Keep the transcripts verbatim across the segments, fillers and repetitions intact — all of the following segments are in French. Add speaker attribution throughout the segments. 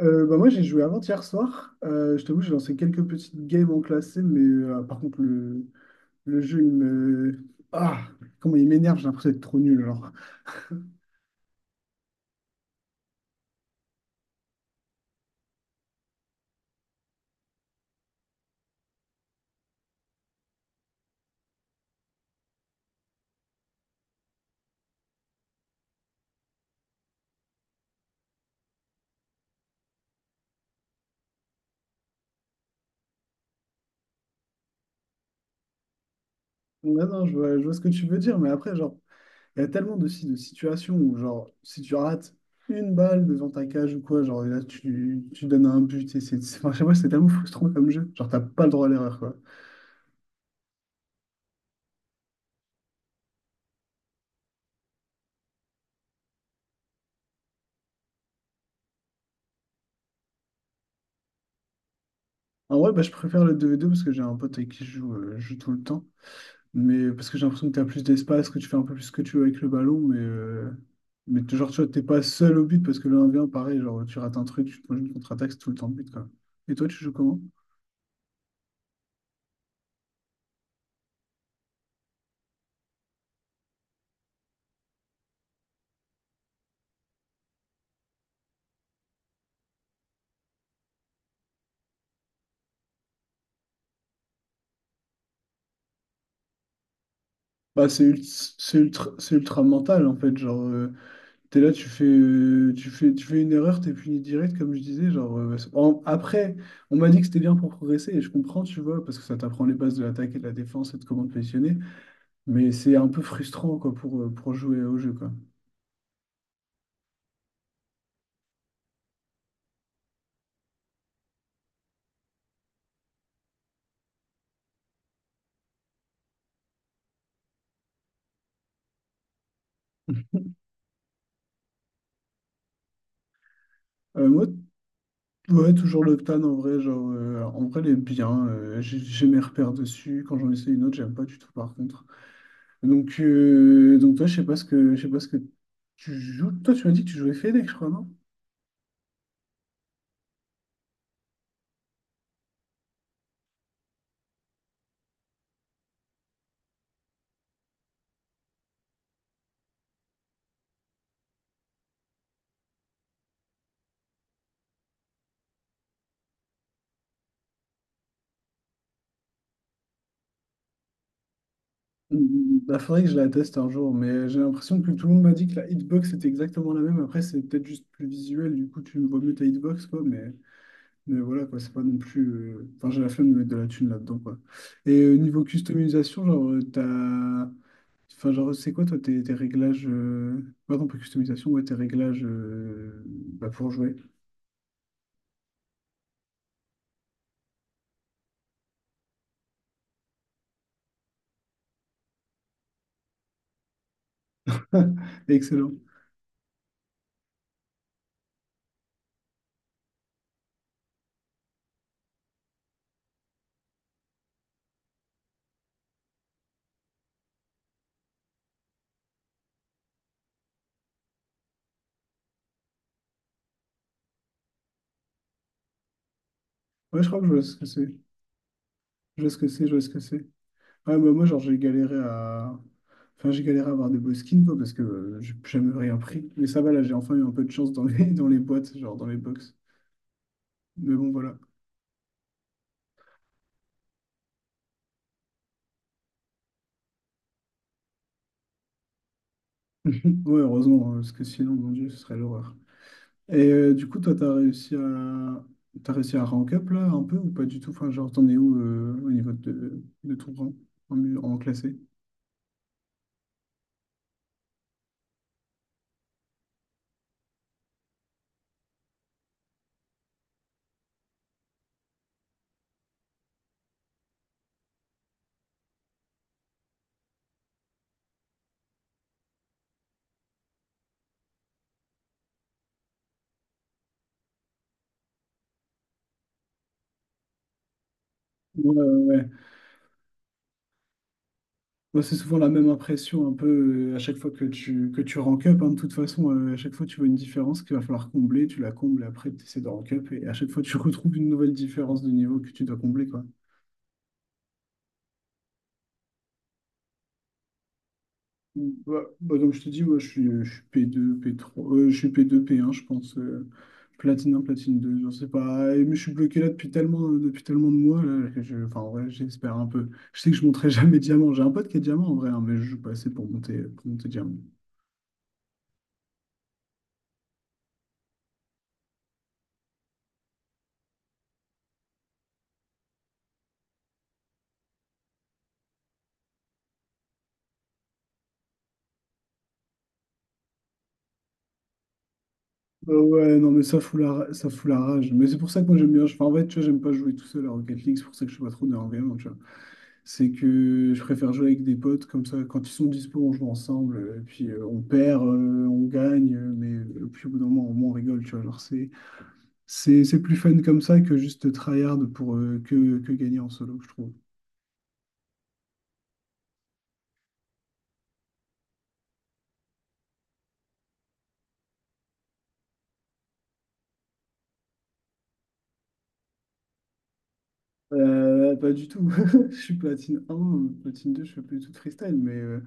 Speaker 1: Euh, bah moi j'ai joué avant-hier soir. Euh, je t'avoue, j'ai lancé quelques petites games en classé, mais euh, par contre le, le jeu il me. Ah, Comment il m'énerve, j'ai l'impression d'être trop nul alors. Ouais, non, je vois, je vois ce que tu veux dire, mais après, genre, il y a tellement de, si- de situations où, genre, si tu rates une balle devant ta cage ou quoi, genre, et là tu, tu donnes un but et c'est. c'est- Enfin, je sais pas, c'est tellement frustrant comme jeu. Genre, t'as pas le droit à l'erreur, quoi. En vrai, bah, je préfère le deux v deux parce que j'ai un pote avec qui je joue, euh, je joue tout le temps. Mais parce que j'ai l'impression que tu as plus d'espace, que tu fais un peu plus ce que tu veux avec le ballon, mais, euh, mais t- genre, tu vois, t'es pas seul au but parce que le un v un, pareil, genre, tu rates un truc, tu te prends une contre-attaque, c'est tout le temps but, quoi. Et toi, tu joues comment? Bah, c'est ult- c'est ultra, c'est ultra mental, en fait. Genre, euh, t'es là, tu fais, euh, tu fais, tu fais une erreur, t'es puni direct, comme je disais. Genre, euh, c'est- en- après, on m'a dit que c'était bien pour progresser, et je comprends, tu vois, parce que ça t'apprend les bases de l'attaque et de la défense et de comment te positionner, mais c'est un peu frustrant, quoi, pour, euh, pour jouer au jeu, quoi. Euh, moi, Ouais, toujours l'Octane en vrai, genre, euh, en vrai, elle est bien. euh, j'ai j'ai mes repères dessus. Quand j'en essaie une autre, j'aime pas du tout par contre. Donc, euh, donc toi, je sais pas ce que, je sais pas ce que tu joues. Toi, tu m'as dit que tu jouais Fennec, je crois, non? Il faudrait que je la teste un jour, mais j'ai l'impression que tout le monde m'a dit que la hitbox était exactement la même. Après, c'est peut-être juste plus visuel, du coup, tu vois mieux ta hitbox, quoi, mais, mais voilà, quoi, c'est pas non plus. euh, Enfin, j'ai la flemme de mettre de la thune là-dedans, quoi. Et euh, niveau customisation, genre, euh, t'as. Enfin, genre, c'est quoi toi tes, tes réglages, euh... pardon, pas customisation, ouais, tes réglages euh, bah, pour jouer. Excellent. Ouais, je crois que je vois ce que c'est. Je vois ce que c'est, je vois ce que c'est. Ouais, bah, moi, genre, j'ai galéré à. Enfin, j'ai galéré à avoir des beaux skins, quoi, parce que euh, j'ai jamais rien pris. Mais ça va, là, j'ai enfin eu un peu de chance dans les, dans les boîtes, genre dans les box. Mais bon, voilà. Ouais, heureusement, hein, parce que sinon, mon Dieu, ce serait l'horreur. Et euh, du coup, toi, t'as réussi à t'as réussi à rank up là un peu ou pas du tout? Enfin, genre, t'en es où euh, au niveau de, de ton rang en, mu- en classé? Ouais, ouais, ouais. Moi, c'est souvent la même impression un peu euh, à chaque fois que tu, que tu rank up, hein. De toute façon, euh, à chaque fois, tu vois une différence qu'il va falloir combler, tu la combles et après, tu essaies de rank up. Et à chaque fois, tu retrouves une nouvelle différence de niveau que tu dois combler, quoi. Ouais, bah, comme je te dis, moi, je suis, je suis P deux, P trois, euh, je suis P deux, P un, je pense. Euh, platine un platine deux, je sais pas. Et- Mais je suis bloqué là depuis tellement, euh, depuis tellement de mois là, que je, enfin, ouais, j'espère un peu. Je sais que je monterai jamais diamant. J'ai un pote qui est diamant en vrai, hein, mais je joue pas assez pour monter, pour monter diamant. Bah ouais, non, mais ça fout la, ra- ça fout la rage. Mais c'est pour ça que moi j'aime bien. Enfin, en fait, tu vois, j'aime pas jouer tout seul à Rocket League, c'est pour ça que je suis pas trop nerveux, tu vois. C'est que je préfère jouer avec des potes, comme ça, quand ils sont dispo, on joue ensemble, euh, et puis euh, on perd, euh, on gagne, euh, mais euh, puis au bout d'un moment, au moins, on rigole, tu vois. Genre, c'est, c'est, c'est plus fun comme ça que juste tryhard pour euh, que, que gagner en solo, je trouve. Euh, pas du tout. Je suis platine un, platine deux, je fais plus du tout de freestyle, mais. euh,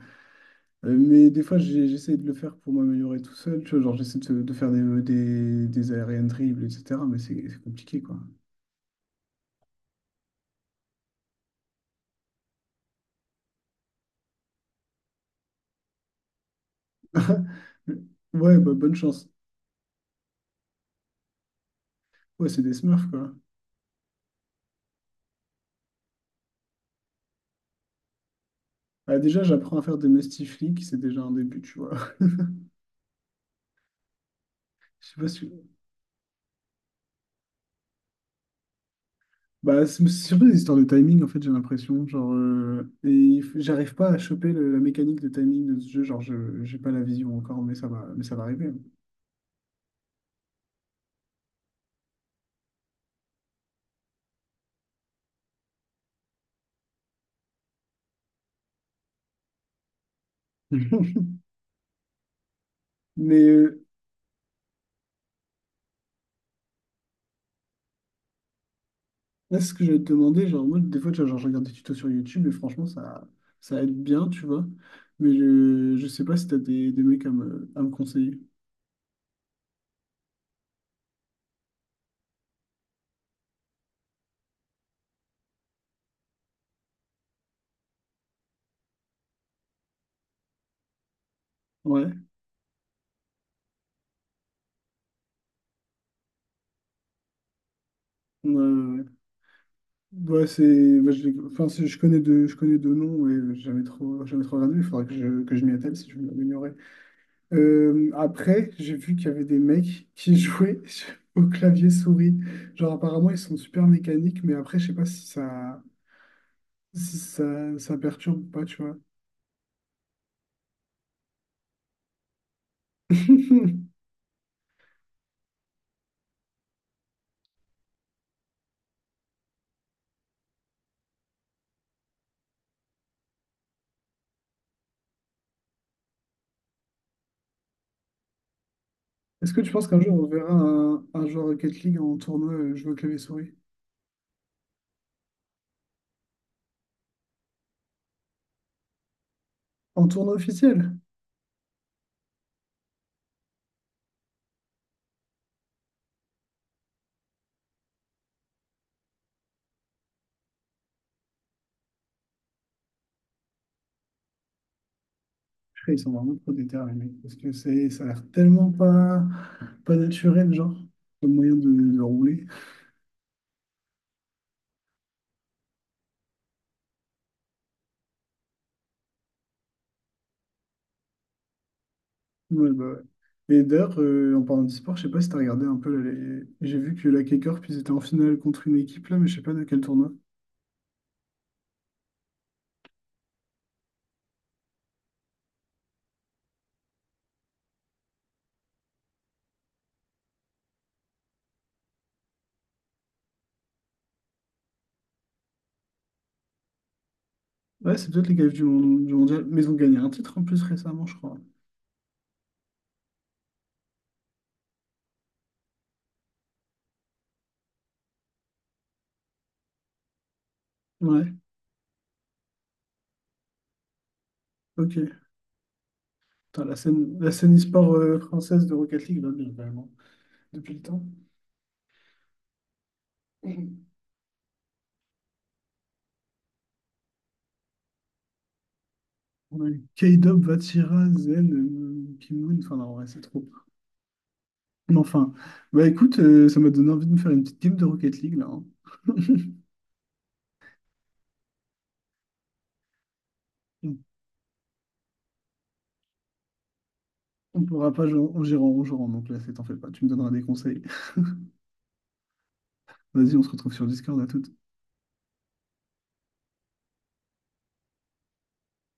Speaker 1: Euh, Mais des fois, j'ai- j'essaie de le faire pour m'améliorer tout seul. Tu vois, genre, j'essaie de, de faire des, des, des aériennes dribbles, et cetera. Mais c'est c'est compliqué, quoi. Ouais, bah, bonne chance. Ouais, c'est des smurfs, quoi. Ah, déjà, j'apprends à faire des mestifliques, c'est déjà un début, tu vois. Je sais pas si... Bah, c'est c'est surtout des histoires de timing, en fait, j'ai l'impression. Genre, euh, et il faut- j'arrive pas à choper le- la mécanique de timing de ce jeu. Genre, je, j'ai pas la vision encore, mais ça va, mais ça va arriver. Mais, euh, Là, c'est ce que je vais te demander, genre, moi, des fois, tu vois, genre, je regarde des tutos sur YouTube et franchement, ça, ça aide bien, tu vois. Mais je, je sais pas si t'as des, des mecs à me, à me conseiller. Ouais. Ouais, ouais, ouais. Ouais, c'est, bah, je, enfin, c'est- je connais deux, je connais deux noms, mais jamais trop, jamais trop regardé. Il faudra que je, que je m'y attelle si je veux m'améliorer. Euh, après, j'ai vu qu'il y avait des mecs qui jouaient au clavier souris. Genre, apparemment, ils sont super mécaniques, mais après, je sais pas si ça, si ça, ça perturbe ou pas, tu vois. Est-ce que tu penses qu'un jour on verra un, un joueur Rocket League en tournoi euh, jouer au clavier-souris? En tournoi officiel? Après, ils sont vraiment trop déterminés parce que c'est, ça a l'air tellement pas, pas naturel, genre, le moyen de, de rouler. Ouais, bah ouais. Et d'ailleurs, euh, en parlant de sport, je sais pas si t'as regardé un peu là, les- j'ai vu que la K-Corp, ils étaient en finale contre une équipe là, mais je sais pas de quel tournoi. Ouais, c'est peut-être les gaffes du, monde- du mondial, mais ils ont gagné un titre en plus récemment, je crois. Ouais, ok. Putain, la scène, la scène e-sport euh, française de Rocket League va bien, vraiment, depuis le temps. Ouais, K-Dub, Vatira, Zen, euh, Kim Moon, enfin non, ouais, c'est trop. Mais enfin, bah écoute, euh, ça m'a donné envie de me faire une petite game de Rocket League là, hein. On on pourra pas jouer en en gérant en jouant, donc là, c'est t'en fais pas, tu me donneras des conseils. Vas-y, on se retrouve sur Discord à tout.